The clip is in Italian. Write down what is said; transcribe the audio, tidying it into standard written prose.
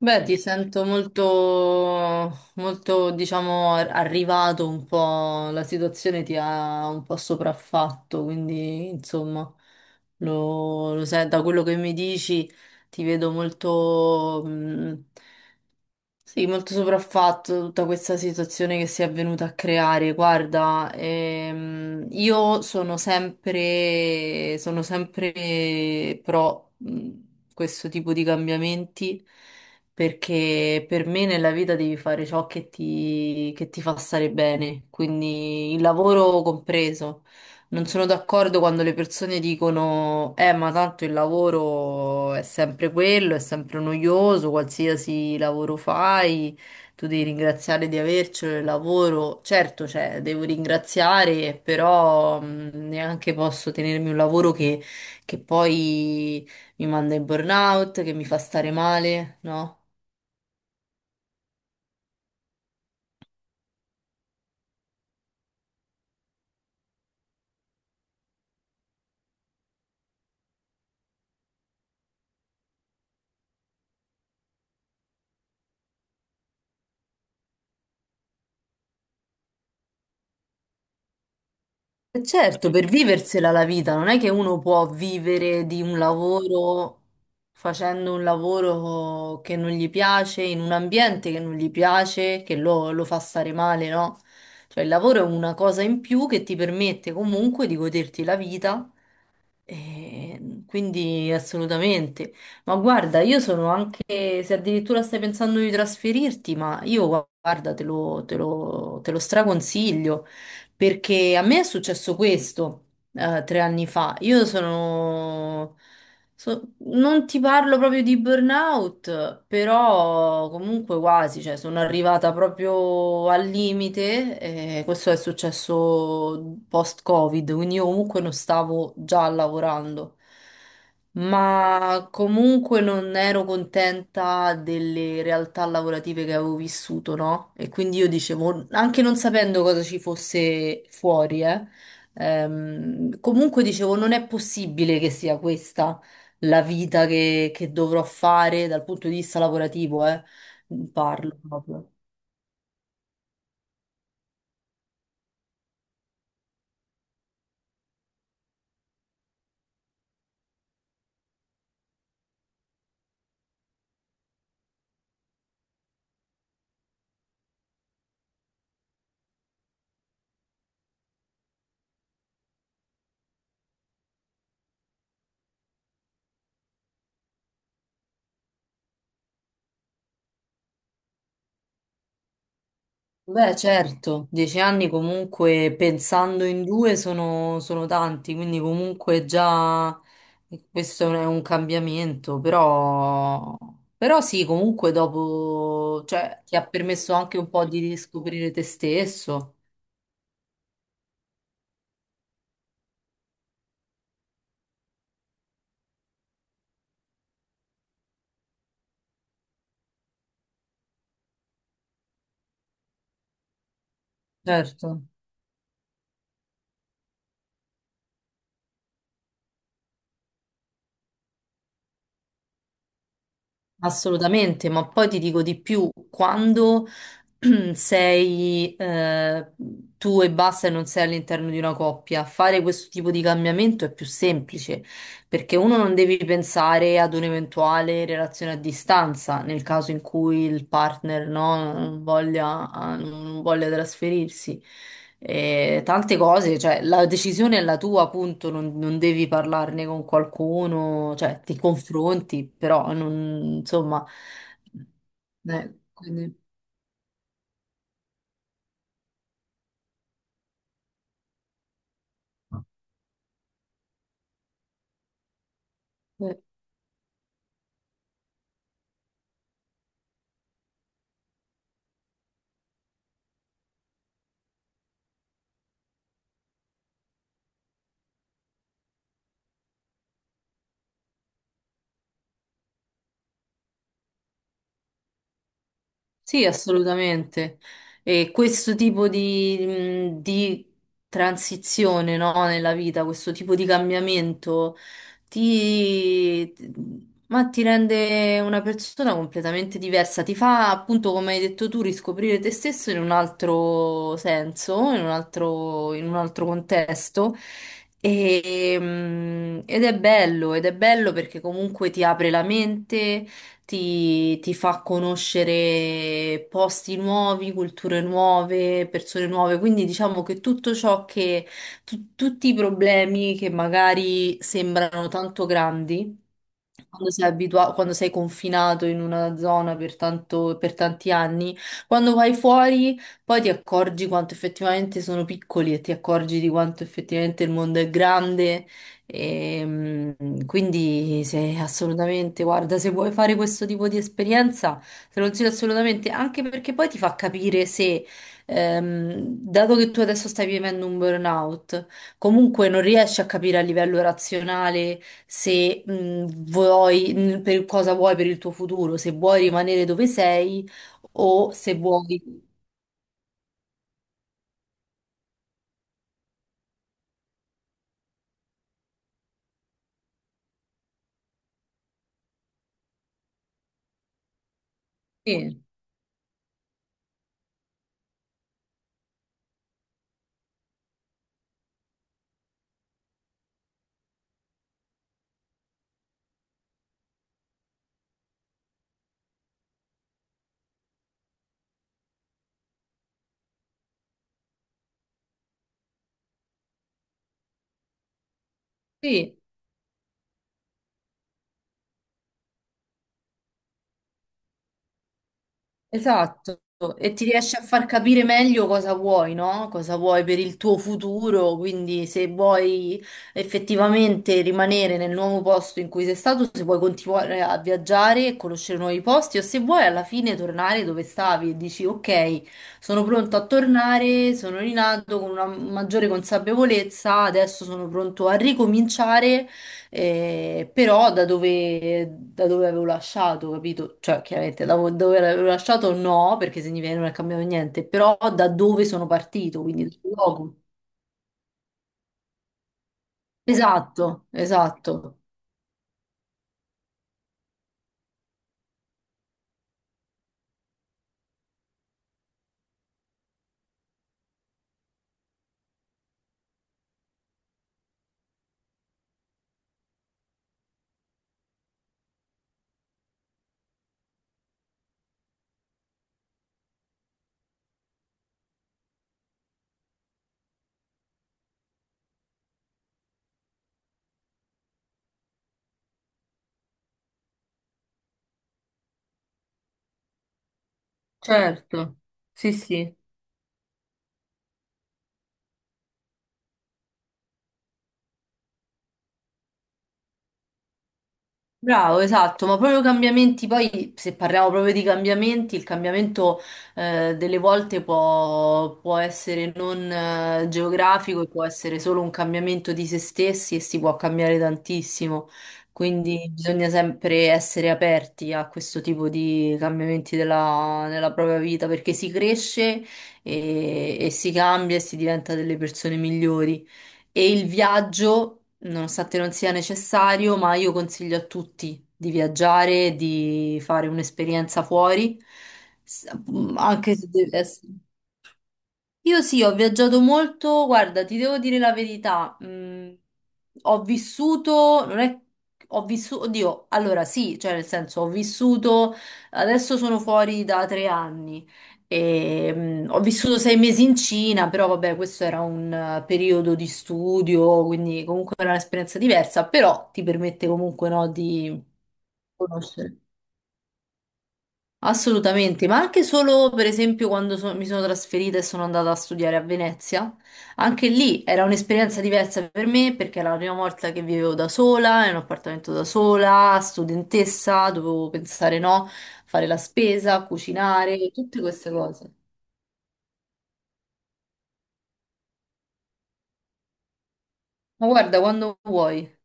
Beh, ti sento molto, molto, diciamo, arrivato un po', la situazione ti ha un po' sopraffatto, quindi, insomma, lo sai, da quello che mi dici ti vedo molto, sì, molto sopraffatto tutta questa situazione che si è venuta a creare. Guarda, io sono sempre pro questo tipo di cambiamenti perché per me nella vita devi fare ciò che ti fa stare bene, quindi il lavoro compreso. Non sono d'accordo quando le persone dicono, ma tanto il lavoro è sempre quello, è sempre noioso, qualsiasi lavoro fai, tu devi ringraziare di avercelo il lavoro. Certo, cioè, devo ringraziare, però neanche posso tenermi un lavoro che poi mi manda in burnout, che mi fa stare male, no? E certo, per viversela la vita, non è che uno può vivere di un lavoro facendo un lavoro che non gli piace, in un ambiente che non gli piace, che lo fa stare male, no? Cioè il lavoro è una cosa in più che ti permette comunque di goderti la vita, quindi assolutamente. Ma guarda, io sono anche, se addirittura stai pensando di trasferirti, ma io guarda, te lo straconsiglio, perché a me è successo questo 3 anni fa. Non ti parlo proprio di burnout, però comunque quasi, cioè sono arrivata proprio al limite e questo è successo post-Covid, quindi io comunque non stavo già lavorando, ma comunque non ero contenta delle realtà lavorative che avevo vissuto, no? E quindi io dicevo, anche non sapendo cosa ci fosse fuori, comunque dicevo, non è possibile che sia questa la vita che dovrò fare dal punto di vista lavorativo, parlo proprio. Beh, certo, 10 anni comunque pensando in due sono tanti, quindi comunque già, questo è un cambiamento, però sì, comunque dopo, cioè, ti ha permesso anche un po' di riscoprire te stesso. Certo. Assolutamente, ma poi ti dico di più, quando sei, tu e basta e non sei all'interno di una coppia, fare questo tipo di cambiamento è più semplice, perché uno non devi pensare ad un'eventuale relazione a distanza, nel caso in cui il partner no, non voglia trasferirsi. E tante cose, cioè la decisione è la tua, appunto, non devi parlarne con qualcuno, cioè ti confronti, però non, insomma, quindi, eh. Sì, assolutamente. E questo tipo di transizione, no, nella vita, questo tipo di cambiamento ti, ma ti rende una persona completamente diversa, ti fa appunto, come hai detto tu, riscoprire te stesso in un altro senso, in un altro contesto. E, ed è bello perché comunque ti apre la mente, ti fa conoscere posti nuovi, culture nuove, persone nuove, quindi diciamo che tutto ciò tutti i problemi che magari sembrano tanto grandi, quando sei confinato in una zona per tanti anni, quando vai fuori poi ti accorgi quanto effettivamente sono piccoli e ti accorgi di quanto effettivamente il mondo è grande e, quindi se, assolutamente, guarda, se vuoi fare questo tipo di esperienza, te lo consiglio assolutamente, anche perché poi ti fa capire se, dato che tu adesso stai vivendo un burnout, comunque non riesci a capire a livello razionale se, per cosa vuoi per il tuo futuro, se vuoi rimanere dove sei o se vuoi... Sì, sì. Esatto, e ti riesce a far capire meglio cosa vuoi, no? Cosa vuoi per il tuo futuro, quindi se vuoi effettivamente rimanere nel nuovo posto in cui sei stato, se vuoi continuare a viaggiare e conoscere nuovi posti o se vuoi alla fine tornare dove stavi e dici ok, sono pronto a tornare, sono rinato con una maggiore consapevolezza, adesso sono pronto a ricominciare, però da dove avevo lasciato, capito? Cioè, chiaramente da dove avevo lasciato no, perché significa che non è cambiato niente, però da dove sono partito, quindi dal luogo. Esatto, esatto, certo. Sì, sì. Bravo, esatto, ma proprio cambiamenti, poi se parliamo proprio di cambiamenti, il cambiamento, delle volte può essere non geografico e può essere solo un cambiamento di se stessi e si può cambiare tantissimo, quindi bisogna sempre essere aperti a questo tipo di cambiamenti nella propria vita perché si cresce e si cambia e si diventa delle persone migliori e il viaggio. Nonostante non sia necessario, ma io consiglio a tutti di viaggiare, di fare un'esperienza fuori, s- anche se deve essere. Io sì, ho viaggiato molto, guarda, ti devo dire la verità, ho vissuto, non è, ho vissuto, oddio, allora sì, cioè nel senso ho vissuto, adesso sono fuori da 3 anni, e, ho vissuto 6 mesi in Cina, però vabbè, questo era un, periodo di studio, quindi comunque era un'esperienza diversa, però ti permette comunque, no, di conoscere. Assolutamente, ma anche solo per esempio quando mi sono trasferita e sono andata a studiare a Venezia, anche lì era un'esperienza diversa per me perché era la prima volta che vivevo da sola, in un appartamento da sola, studentessa, dovevo pensare, no, fare la spesa, cucinare, tutte queste cose. Ma guarda, quando vuoi.